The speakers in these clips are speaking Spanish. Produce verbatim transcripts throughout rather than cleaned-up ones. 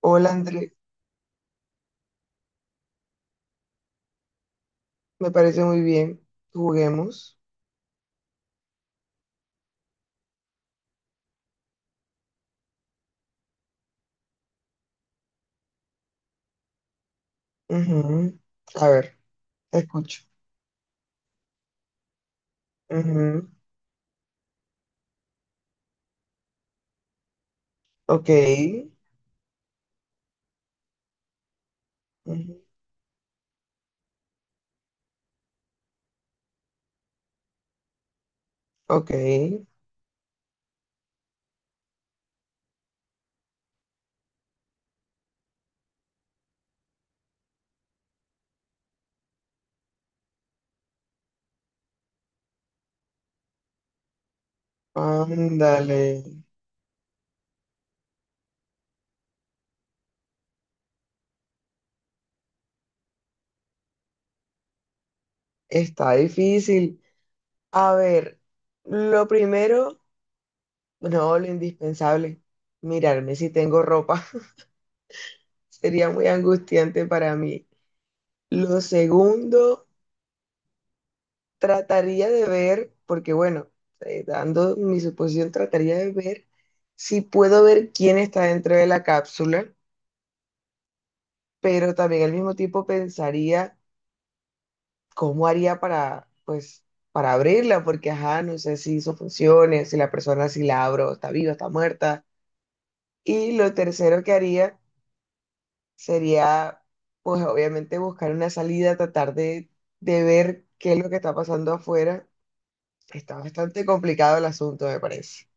Hola André, me parece muy bien. Juguemos. Ujú. A ver, te escucho. Ujú. Ok. Ujú. Ok. Ándale. Está difícil. A ver, lo primero, no, lo indispensable, mirarme si tengo ropa. Sería muy angustiante para mí. Lo segundo, trataría de ver, porque bueno, eh, dando mi suposición, trataría de ver si puedo ver quién está dentro de la cápsula, pero también al mismo tiempo pensaría cómo haría para, pues, para abrirla, porque ajá, no sé si eso funcione, si la persona, si la abro, está viva, está muerta. Y lo tercero que haría sería, pues, obviamente buscar una salida, tratar de, de ver qué es lo que está pasando afuera. Está bastante complicado el asunto, me parece.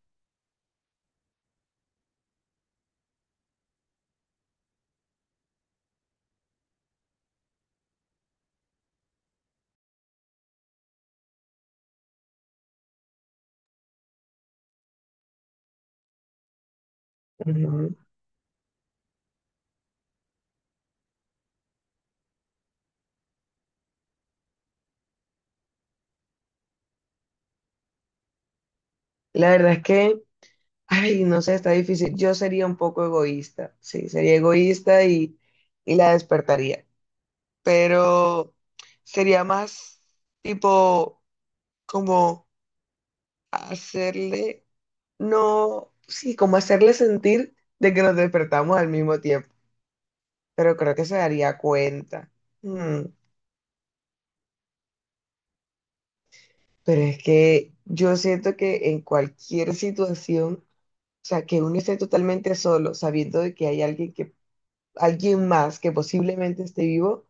Ujú. La verdad es que, ay, no sé, está difícil. Yo sería un poco egoísta, sí, sería egoísta y, y la despertaría, pero sería más tipo como hacerle, no, sí, como hacerle sentir de que nos despertamos al mismo tiempo, pero creo que se daría cuenta. Mm. Pero es que yo siento que en cualquier situación, o sea, que uno esté totalmente solo, sabiendo de que hay alguien que alguien más que posiblemente esté vivo,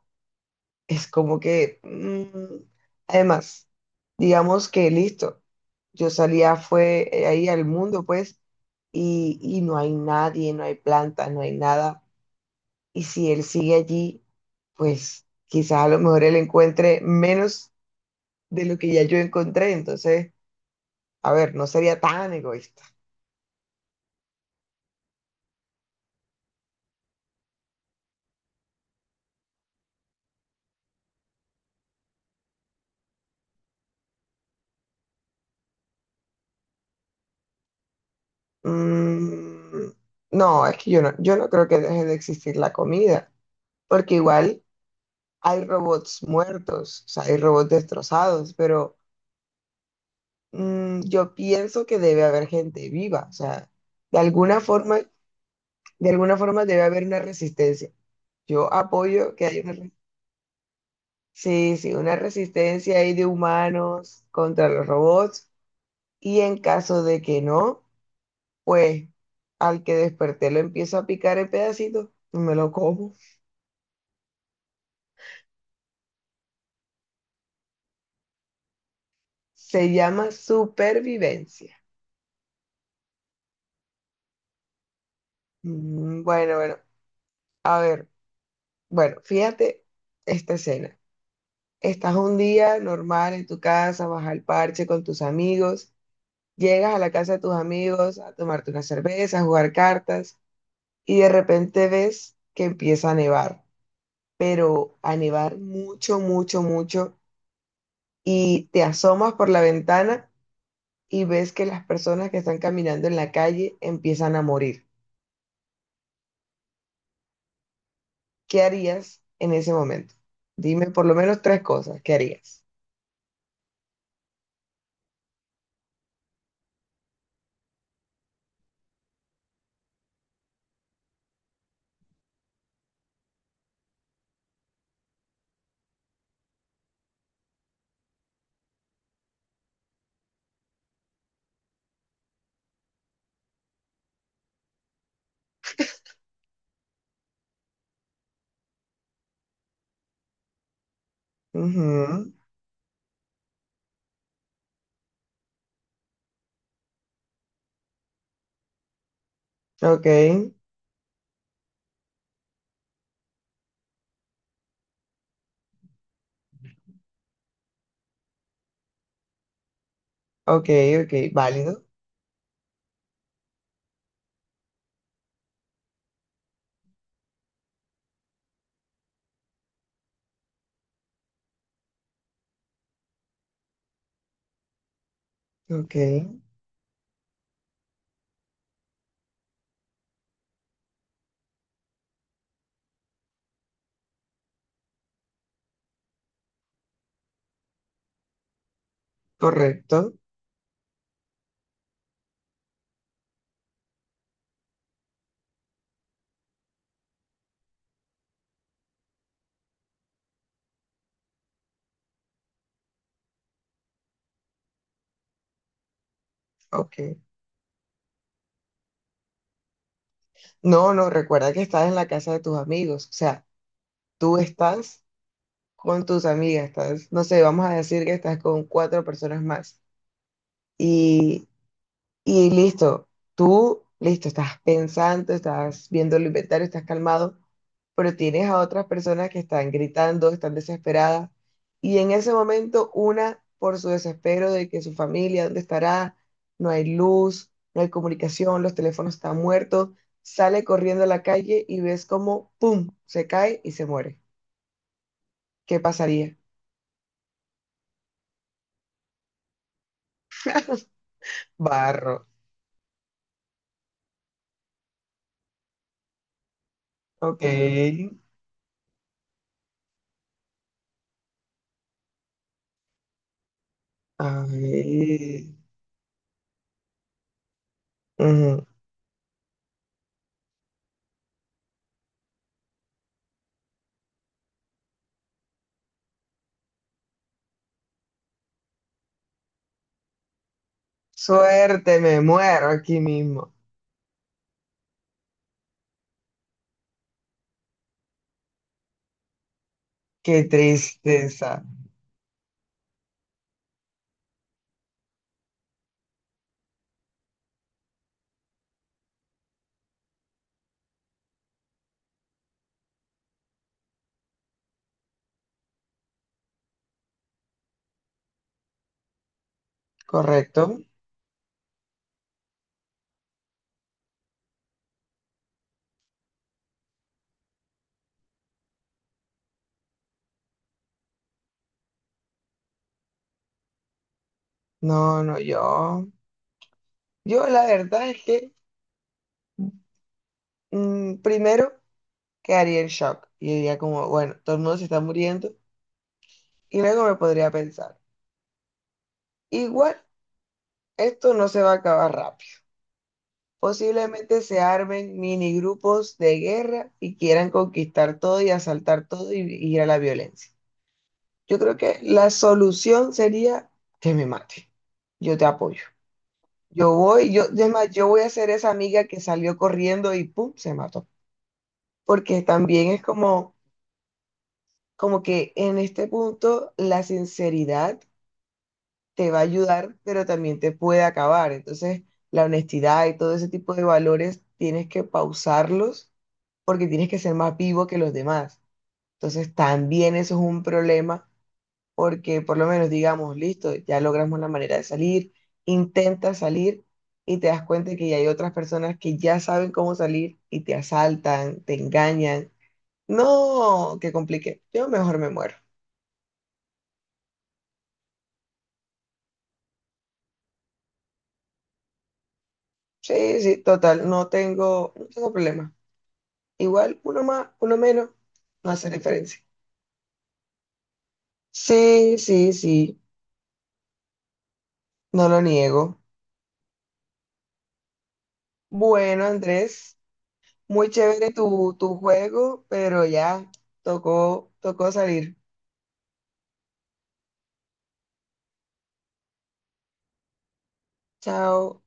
es como que, mm, además, digamos que listo, yo salía fue eh, ahí al mundo, pues, y, y no hay nadie, no hay planta, no hay nada. Y si él sigue allí, pues quizás a lo mejor él encuentre menos de lo que ya yo encontré. Entonces, a ver, no sería tan egoísta. Mm, no, es que yo no, yo no creo que deje de existir la comida, porque igual hay robots muertos, o sea, hay robots destrozados, pero mm, yo pienso que debe haber gente viva, o sea, de alguna forma, de alguna forma debe haber una resistencia. Yo apoyo que haya una, re- sí, sí, una resistencia ahí de humanos contra los robots y en caso de que no, pues al que desperté lo empiezo a picar en pedacitos y me lo como. Se llama supervivencia. Mm. Bueno, bueno, a ver. Bueno, fíjate esta escena. Estás un día normal en tu casa, vas al parche con tus amigos, llegas a la casa de tus amigos a tomarte una cerveza, a jugar cartas y de repente ves que empieza a nevar, pero a nevar mucho, mucho, mucho y te asomas por la ventana y ves que las personas que están caminando en la calle empiezan a morir. ¿Qué harías en ese momento? Dime por lo menos tres cosas. ¿Qué harías? Ujú. Ok. Ok, ok, válido. Ok, correcto. Ok. No, no, recuerda que estás en la casa de tus amigos. O sea, tú estás con tus amigas, estás, no sé, vamos a decir que estás con cuatro personas más. Y listo, tú, listo, estás pensando, estás viendo el inventario, estás calmado, pero tienes a otras personas que están gritando, están desesperadas. Y en ese momento, una, por su desespero de que su familia, ¿dónde estará? No hay luz, no hay comunicación, los teléfonos están muertos, sale corriendo a la calle y ves como, ¡pum!, se cae y se muere. ¿Qué pasaría? Barro. Ok. Ay. Ujú. Suerte, me muero aquí mismo. Qué tristeza. ¿Correcto? No, no, yo. Yo la verdad es que mm, primero quedaría en shock y diría como, bueno, todo el mundo se está muriendo y luego me podría pensar, igual, esto no se va a acabar rápido. Posiblemente se armen mini grupos de guerra y quieran conquistar todo y asaltar todo y, y ir a la violencia. Yo creo que la solución sería que me mate. Yo te apoyo. Yo voy, yo, es más, yo voy a ser esa amiga que salió corriendo y pum, se mató. Porque también es como, como que en este punto la sinceridad te va a ayudar, pero también te puede acabar. Entonces, la honestidad y todo ese tipo de valores tienes que pausarlos porque tienes que ser más vivo que los demás. Entonces, también eso es un problema porque por lo menos digamos, listo, ya logramos la manera de salir, intenta salir y te das cuenta que ya hay otras personas que ya saben cómo salir y te asaltan, te engañan. No, que complique. Yo mejor me muero. Sí, sí, total, no tengo, no tengo problema. Igual, uno más, uno menos, no hace diferencia. Sí, sí, sí, no lo niego. Bueno, Andrés, muy chévere tu, tu juego, pero ya tocó, tocó salir. Chao.